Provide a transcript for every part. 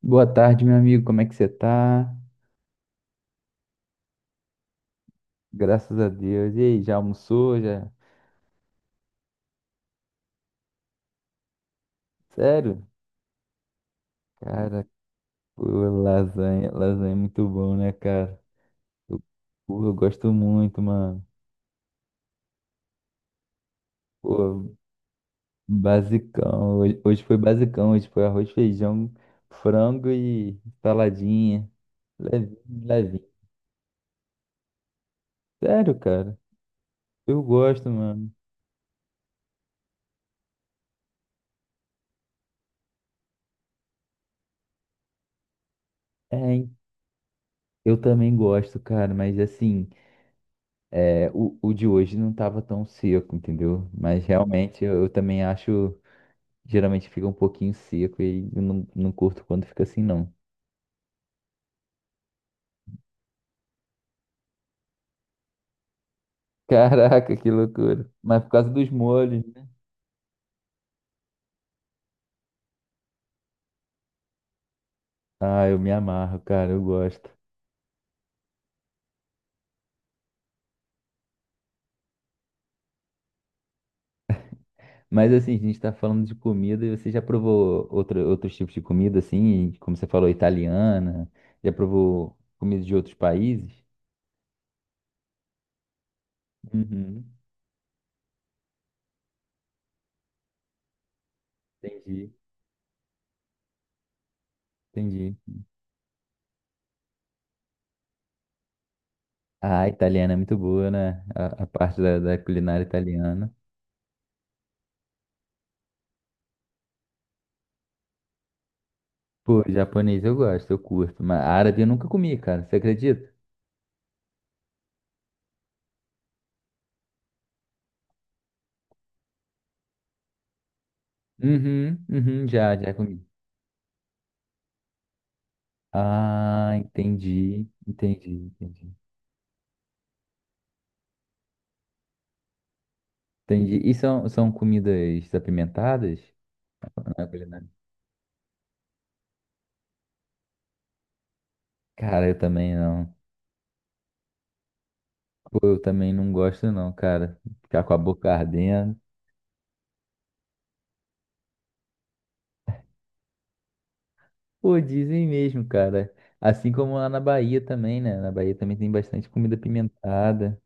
Boa tarde, meu amigo. Como é que você tá? Graças a Deus. E aí, já almoçou? Já? Sério? Cara, pô, lasanha é muito bom, né, cara? Eu, eu gosto muito, mano. Pô, basicão. Hoje foi basicão. Hoje foi arroz, feijão, frango e saladinha. Levinho, levinho. Sério, cara? Eu gosto, mano. É, hein? Eu também gosto, cara, mas assim. É, o de hoje não estava tão seco, entendeu? Mas realmente eu também acho, geralmente fica um pouquinho seco e eu não curto quando fica assim, não. Caraca, que loucura. Mas por causa dos molhos, né? Ah, eu me amarro, cara, eu gosto. Mas assim, a gente tá falando de comida e você já provou outros tipos de comida, assim, como você falou, italiana, já provou comida de outros países? Uhum, entendi, entendi. Ah, a italiana é muito boa, né? A parte da da culinária italiana. Pô, japonês eu gosto, eu curto. Mas árabe eu nunca comi, cara. Você acredita? Uhum, já comi. Ah, entendi. Entendi. E são comidas apimentadas? Não é culinária? Cara, eu também não. Pô, eu também não gosto não, cara. Ficar com a boca ardendo. Pô, dizem mesmo, cara. Assim como lá na Bahia também, né? Na Bahia também tem bastante comida apimentada.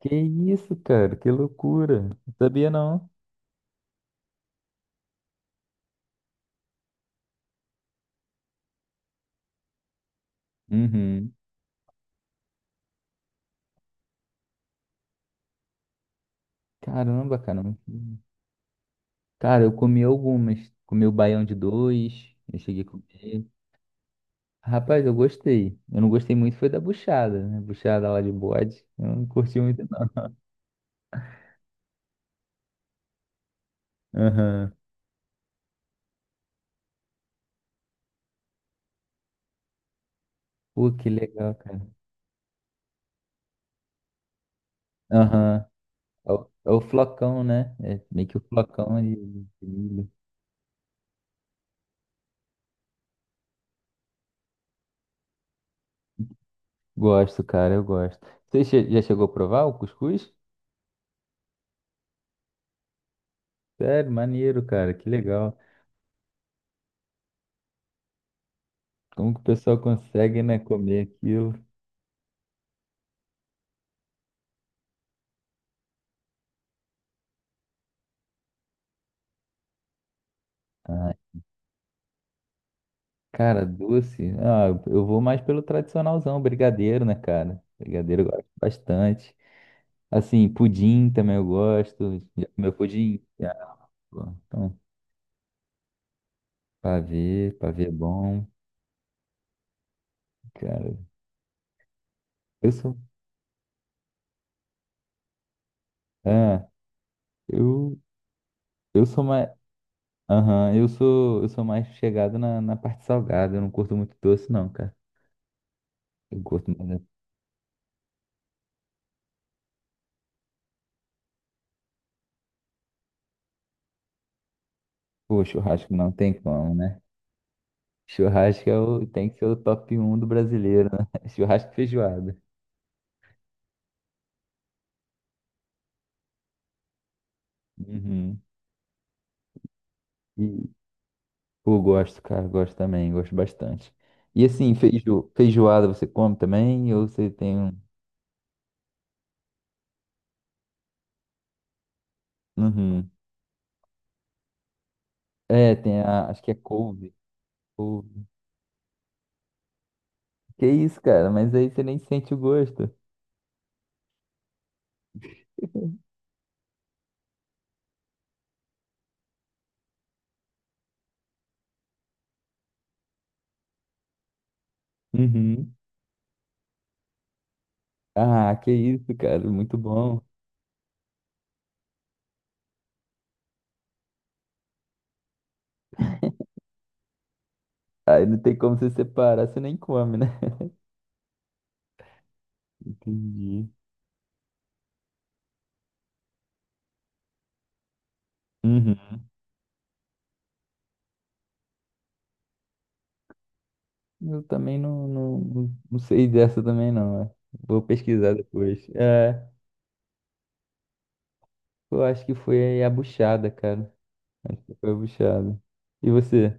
Que isso, cara? Que loucura. Não sabia, não. Uhum. Caramba, cara. Cara, eu comi algumas. Comi o baião de dois. Eu cheguei a comer. Rapaz, eu gostei. Eu não gostei muito foi da buchada, né? Buchada lá de bode. Eu não curti muito, não. Aham. Pô, que legal, cara. Aham. É o, é o flocão, né? É meio que o flocão de milho. Gosto, cara, eu gosto. Já chegou a provar o cuscuz? Sério, maneiro, cara, que legal. Como que o pessoal consegue, né, comer aquilo? Ah, Cara, doce. Ah, eu vou mais pelo tradicionalzão, brigadeiro, né, cara? Brigadeiro eu gosto bastante. Assim, pudim também eu gosto. Já comeu pudim? Já. Pô. Então, pavê é bom. Cara, eu sou. Ah, eu, eu sou mais. Aham, eu sou mais chegado na, na parte salgada. Eu não curto muito doce, não, cara. Eu curto mais. Pô, churrasco não tem como, né? Churrasco é o, tem que ser o top um do brasileiro, né? Churrasco e feijoada. Uhum. Pô, gosto, cara, gosto também, gosto bastante. E assim, feijoada você come também? Ou você tem um. Uhum. É, tem a. Acho que é couve. Couve. Que isso, cara, mas aí você nem sente o gosto. Uhum. Ah, que isso, cara, muito bom. Aí não tem como você separar, você nem come, né? Entendi. Uhum. Eu também não, não sei dessa também, não, é. Vou pesquisar depois. É, eu acho que foi a buchada, cara. Acho que foi a buchada. E você?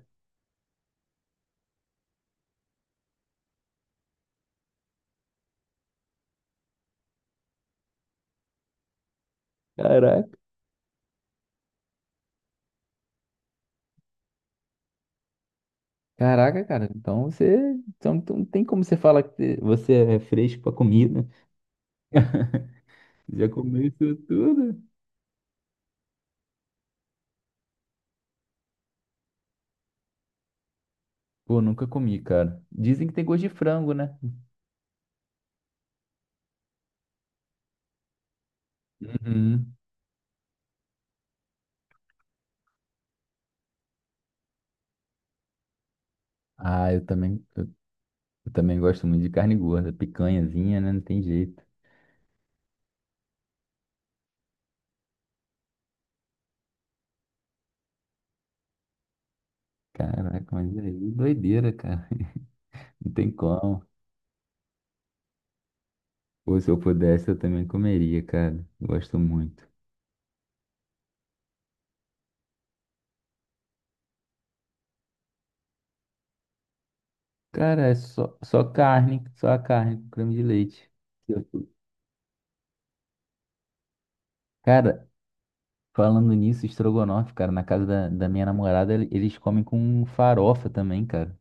Caraca, caraca, cara. Então você, então não tem como você falar que você é fresco pra comida. Já comeu isso tudo? Pô, nunca comi, cara. Dizem que tem gosto de frango, né? Uhum. Ah, eu também gosto muito de carne gorda, picanhazinha, né? Não tem jeito. Caraca, mas é aí doideira, cara. Não tem como. Ou se eu pudesse, eu também comeria, cara. Gosto muito. Cara, é só carne, só a carne, com creme de leite. Eu- Cara, falando nisso, estrogonofe, cara, na casa da, da minha namorada, eles comem com farofa também, cara.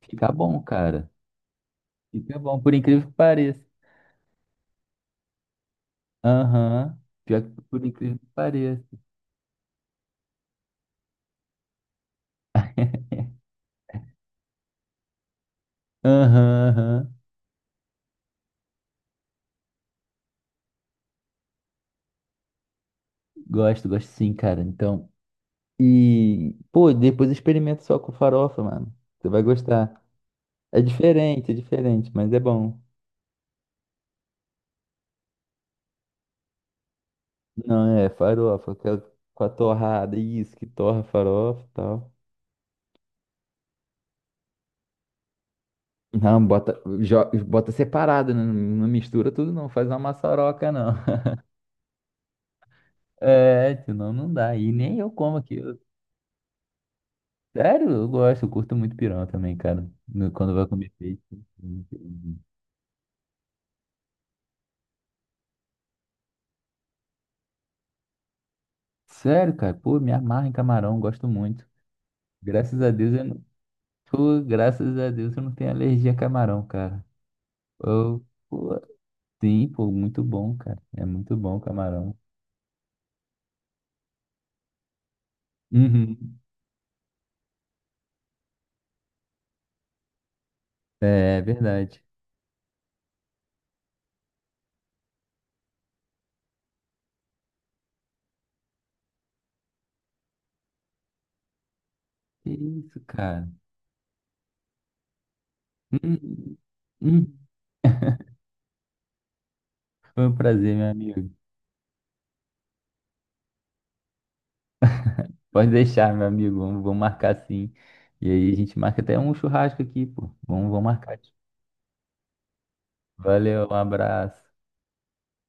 Fica bom, cara. Fica bom, por incrível que pareça. Aham. Pior que por incrível que pareça. Aham, aham. Gosto, gosto sim, cara. Então, e, pô, depois experimenta só com farofa, mano. Você vai gostar. É diferente, mas é bom. Não, é farofa, aquela com a torrada, isso, que torra a farofa e tal. Não, bota separado, né? Não, mistura tudo, não. Faz uma maçaroca, não. É, senão não dá. E nem eu como aqui. Sério, eu gosto, eu curto muito pirão também, cara. Quando vai comer peixe. Sério, cara, pô, me amarra em camarão, gosto muito. Graças a Deus eu não. Pô, graças a Deus eu não tenho alergia a camarão, cara. Eu, pô, sim, pô, muito bom, cara. É muito bom o camarão. Uhum. É, é verdade. Que isso, cara. Uhum. Uhum. Foi um prazer, meu amigo. Pode deixar, meu amigo. Vamos marcar, sim. E aí a gente marca até um churrasco aqui, pô. Vamos marcar. Valeu, um abraço.